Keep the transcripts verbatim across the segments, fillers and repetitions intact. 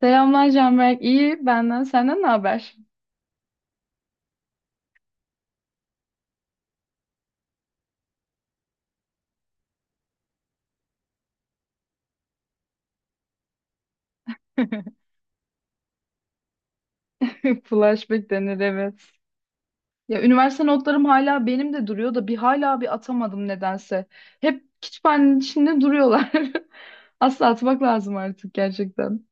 Selamlar Canberk. İyi benden. Senden ne haber? Flashback denir, evet. Ya üniversite notlarım hala benim de duruyor da bir hala bir atamadım nedense. Hep kütüphanenin içinde duruyorlar. Asla atmak lazım artık gerçekten.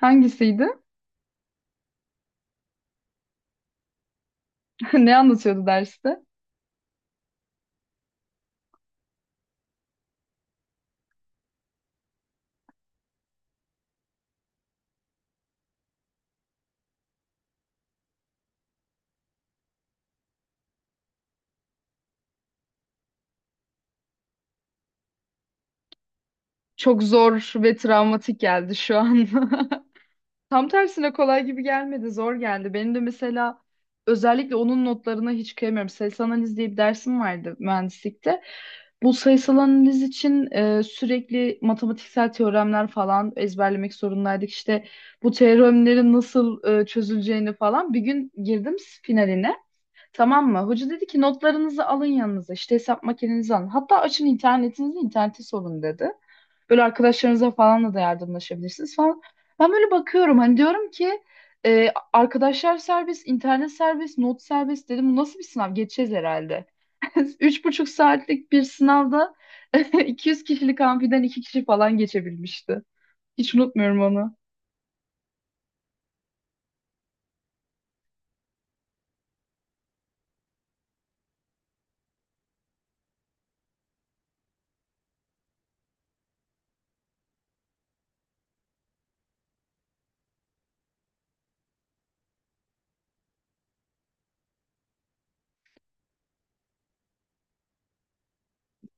Hangisiydi? Ne anlatıyordu derste? Çok zor ve travmatik geldi şu an. Tam tersine kolay gibi gelmedi, zor geldi. Benim de mesela özellikle onun notlarına hiç kıyamıyorum. Sayısal analiz diye bir dersim vardı mühendislikte. Bu sayısal analiz için e, sürekli matematiksel teoremler falan ezberlemek zorundaydık. İşte bu teoremlerin nasıl e, çözüleceğini falan. Bir gün girdim finaline. Tamam mı? Hoca dedi ki notlarınızı alın yanınıza. İşte hesap makinenizi alın. Hatta açın internetinizi, interneti sorun dedi. Böyle arkadaşlarınıza falan da yardımlaşabilirsiniz falan. Ben böyle bakıyorum, hani diyorum ki e, arkadaşlar serbest, internet serbest, not serbest dedim. Bu nasıl bir sınav? Geçeceğiz herhalde. Üç buçuk saatlik bir sınavda iki yüz kişilik amfiden iki kişi falan geçebilmişti. Hiç unutmuyorum onu.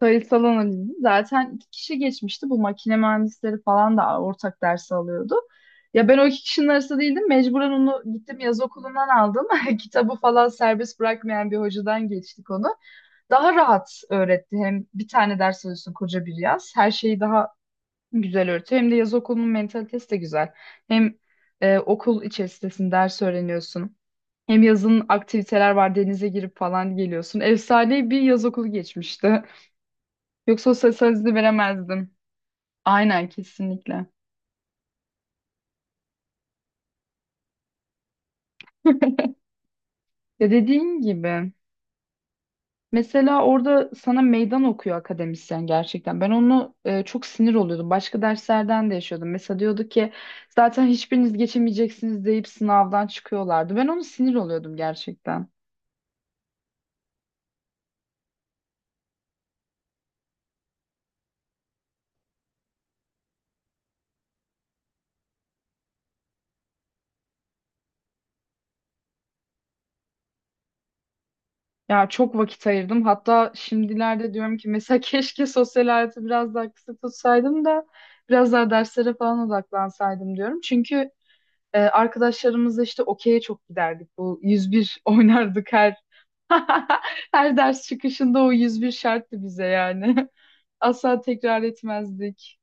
Sayısal analizi zaten iki kişi geçmişti. Bu makine mühendisleri falan da ortak ders alıyordu. Ya ben o iki kişinin arasında değildim. Mecburen onu gittim yaz okulundan aldım. Kitabı falan serbest bırakmayan bir hocadan geçtik onu. Daha rahat öğretti. Hem bir tane ders alıyorsun koca bir yaz. Her şeyi daha güzel öğretiyor. Hem de yaz okulunun mentalitesi de güzel. Hem e, okul içerisinde ders öğreniyorsun. Hem yazın aktiviteler var, denize girip falan geliyorsun. Efsane bir yaz okulu geçmişti. Yoksa o ses hızlı veremezdim. Aynen, kesinlikle. Ya dediğin gibi mesela orada sana meydan okuyor akademisyen gerçekten. Ben onu e, çok sinir oluyordum. Başka derslerden de yaşıyordum. Mesela diyordu ki zaten hiçbiriniz geçemeyeceksiniz deyip sınavdan çıkıyorlardı. Ben onu sinir oluyordum gerçekten. Ya çok vakit ayırdım. Hatta şimdilerde diyorum ki mesela keşke sosyal hayatı biraz daha kısa tutsaydım da biraz daha derslere falan odaklansaydım diyorum. Çünkü Ee, arkadaşlarımızla işte okey'e çok giderdik. Bu yüz bir oynardık, her her ders çıkışında o yüz bir şarttı bize yani. Asla tekrar etmezdik.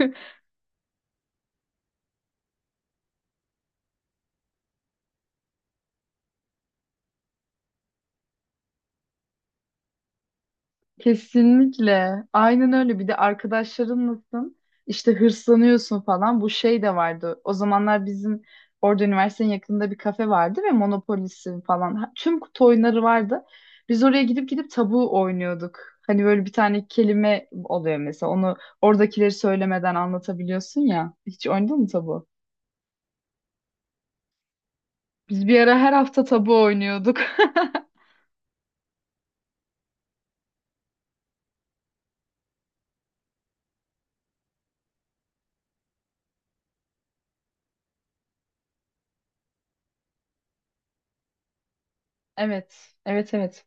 Kesinlikle. Aynen öyle. Bir de arkadaşların nasıl? İşte hırslanıyorsun falan. Bu şey de vardı. O zamanlar bizim orada üniversitenin yakınında bir kafe vardı ve Monopolis'in falan. Ha- Tüm kutu oyunları vardı. Biz oraya gidip gidip tabu oynuyorduk. Hani böyle bir tane kelime oluyor mesela. Onu oradakileri söylemeden anlatabiliyorsun ya. Hiç oynadın mı tabu? Biz bir ara her hafta tabu oynuyorduk. Evet. Evet, evet.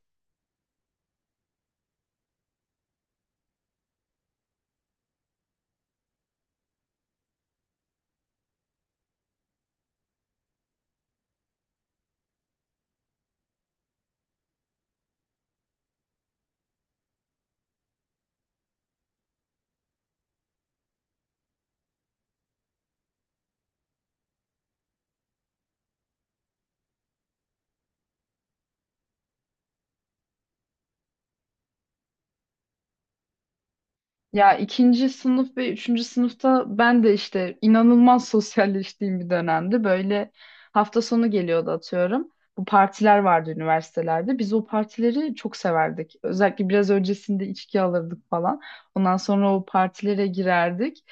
Ya ikinci sınıf ve üçüncü sınıfta ben de işte inanılmaz sosyalleştiğim bir dönemdi. Böyle hafta sonu geliyordu atıyorum. Bu partiler vardı üniversitelerde. Biz o partileri çok severdik. Özellikle biraz öncesinde içki alırdık falan. Ondan sonra o partilere girerdik.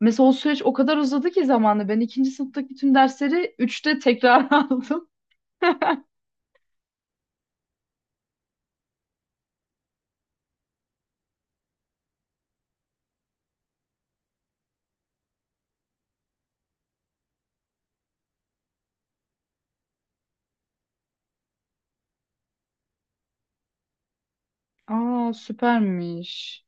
Mesela o süreç o kadar uzadı ki zamanla ben ikinci sınıftaki tüm dersleri üçte tekrar aldım. Aa, süpermiş.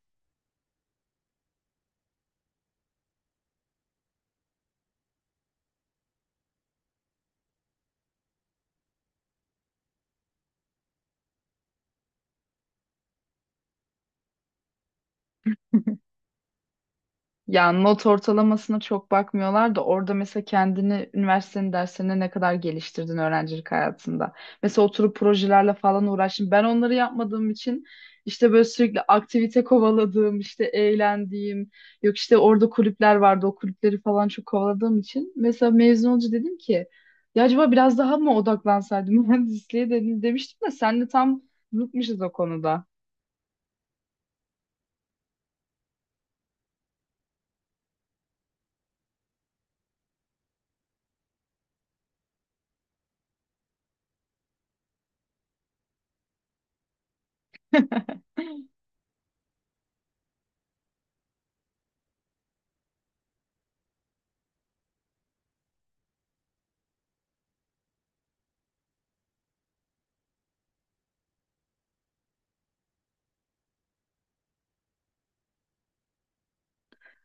Yani not ortalamasına çok bakmıyorlar da orada mesela kendini üniversitenin derslerine ne kadar geliştirdin öğrencilik hayatında. Mesela oturup projelerle falan uğraştım. Ben onları yapmadığım için işte böyle sürekli aktivite kovaladığım, işte eğlendiğim, yok işte orada kulüpler vardı o kulüpleri falan çok kovaladığım için. Mesela mezun olunca dedim ki ya acaba biraz daha mı odaklansaydım mühendisliğe dedim, demiştim de senle tam zıtmışız o konuda.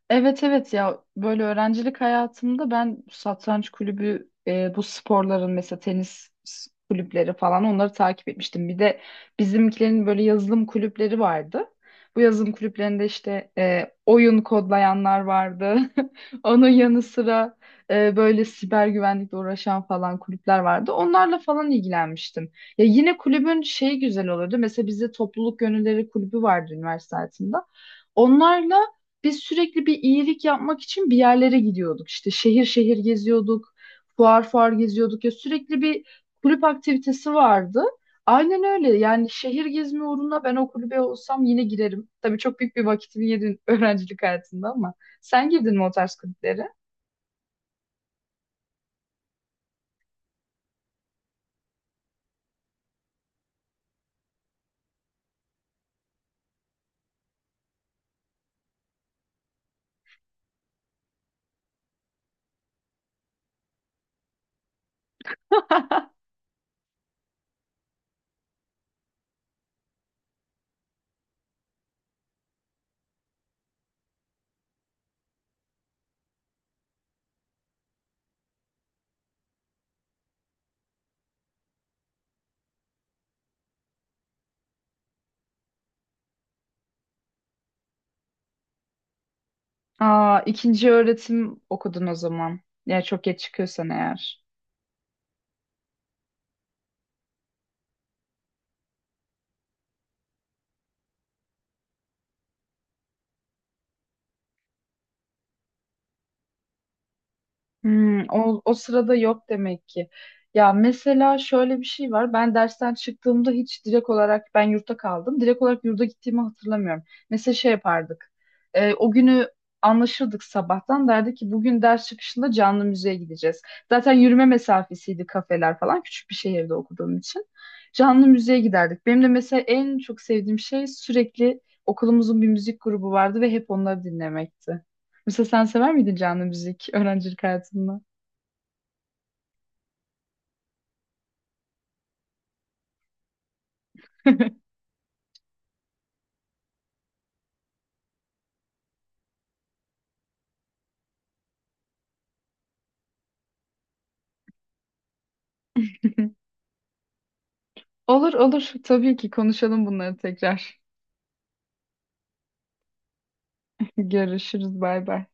Evet, evet, ya böyle öğrencilik hayatımda ben satranç kulübü, e, bu sporların mesela tenis s- kulüpleri falan onları takip etmiştim. Bir de bizimkilerin böyle yazılım kulüpleri vardı. Bu yazılım kulüplerinde işte e, oyun kodlayanlar vardı. Onun yanı sıra e, böyle siber güvenlikle uğraşan falan kulüpler vardı. Onlarla falan ilgilenmiştim. Ya yine kulübün şeyi güzel olurdu. Mesela bizde topluluk gönülleri kulübü vardı üniversite hayatımda. Onlarla biz sürekli bir iyilik yapmak için bir yerlere gidiyorduk. İşte şehir şehir geziyorduk, fuar fuar geziyorduk, ya sürekli bir kulüp aktivitesi vardı. Aynen öyle. Yani şehir gezme uğruna ben o kulübe olsam yine girerim. Tabii çok büyük bir vakitimi yedin öğrencilik hayatında ama sen girdin mi o tarz kulüplere? Aa, ikinci öğretim okudun o zaman. Yani çok geç çıkıyorsan eğer. Hmm, o, o sırada yok demek ki. Ya mesela şöyle bir şey var. Ben dersten çıktığımda hiç direkt olarak ben yurtta kaldım. Direkt olarak yurda gittiğimi hatırlamıyorum. Mesela şey yapardık. E, o günü anlaşırdık sabahtan. Derdi ki bugün ders çıkışında canlı müziğe gideceğiz. Zaten yürüme mesafesiydi kafeler falan. Küçük bir şehirde okuduğum için. Canlı müziğe giderdik. Benim de mesela en çok sevdiğim şey sürekli okulumuzun bir müzik grubu vardı ve hep onları dinlemekti. Mesela sen sever miydin canlı müzik öğrencilik hayatında? Olur olur, tabii ki konuşalım bunları tekrar. Görüşürüz, bay bay.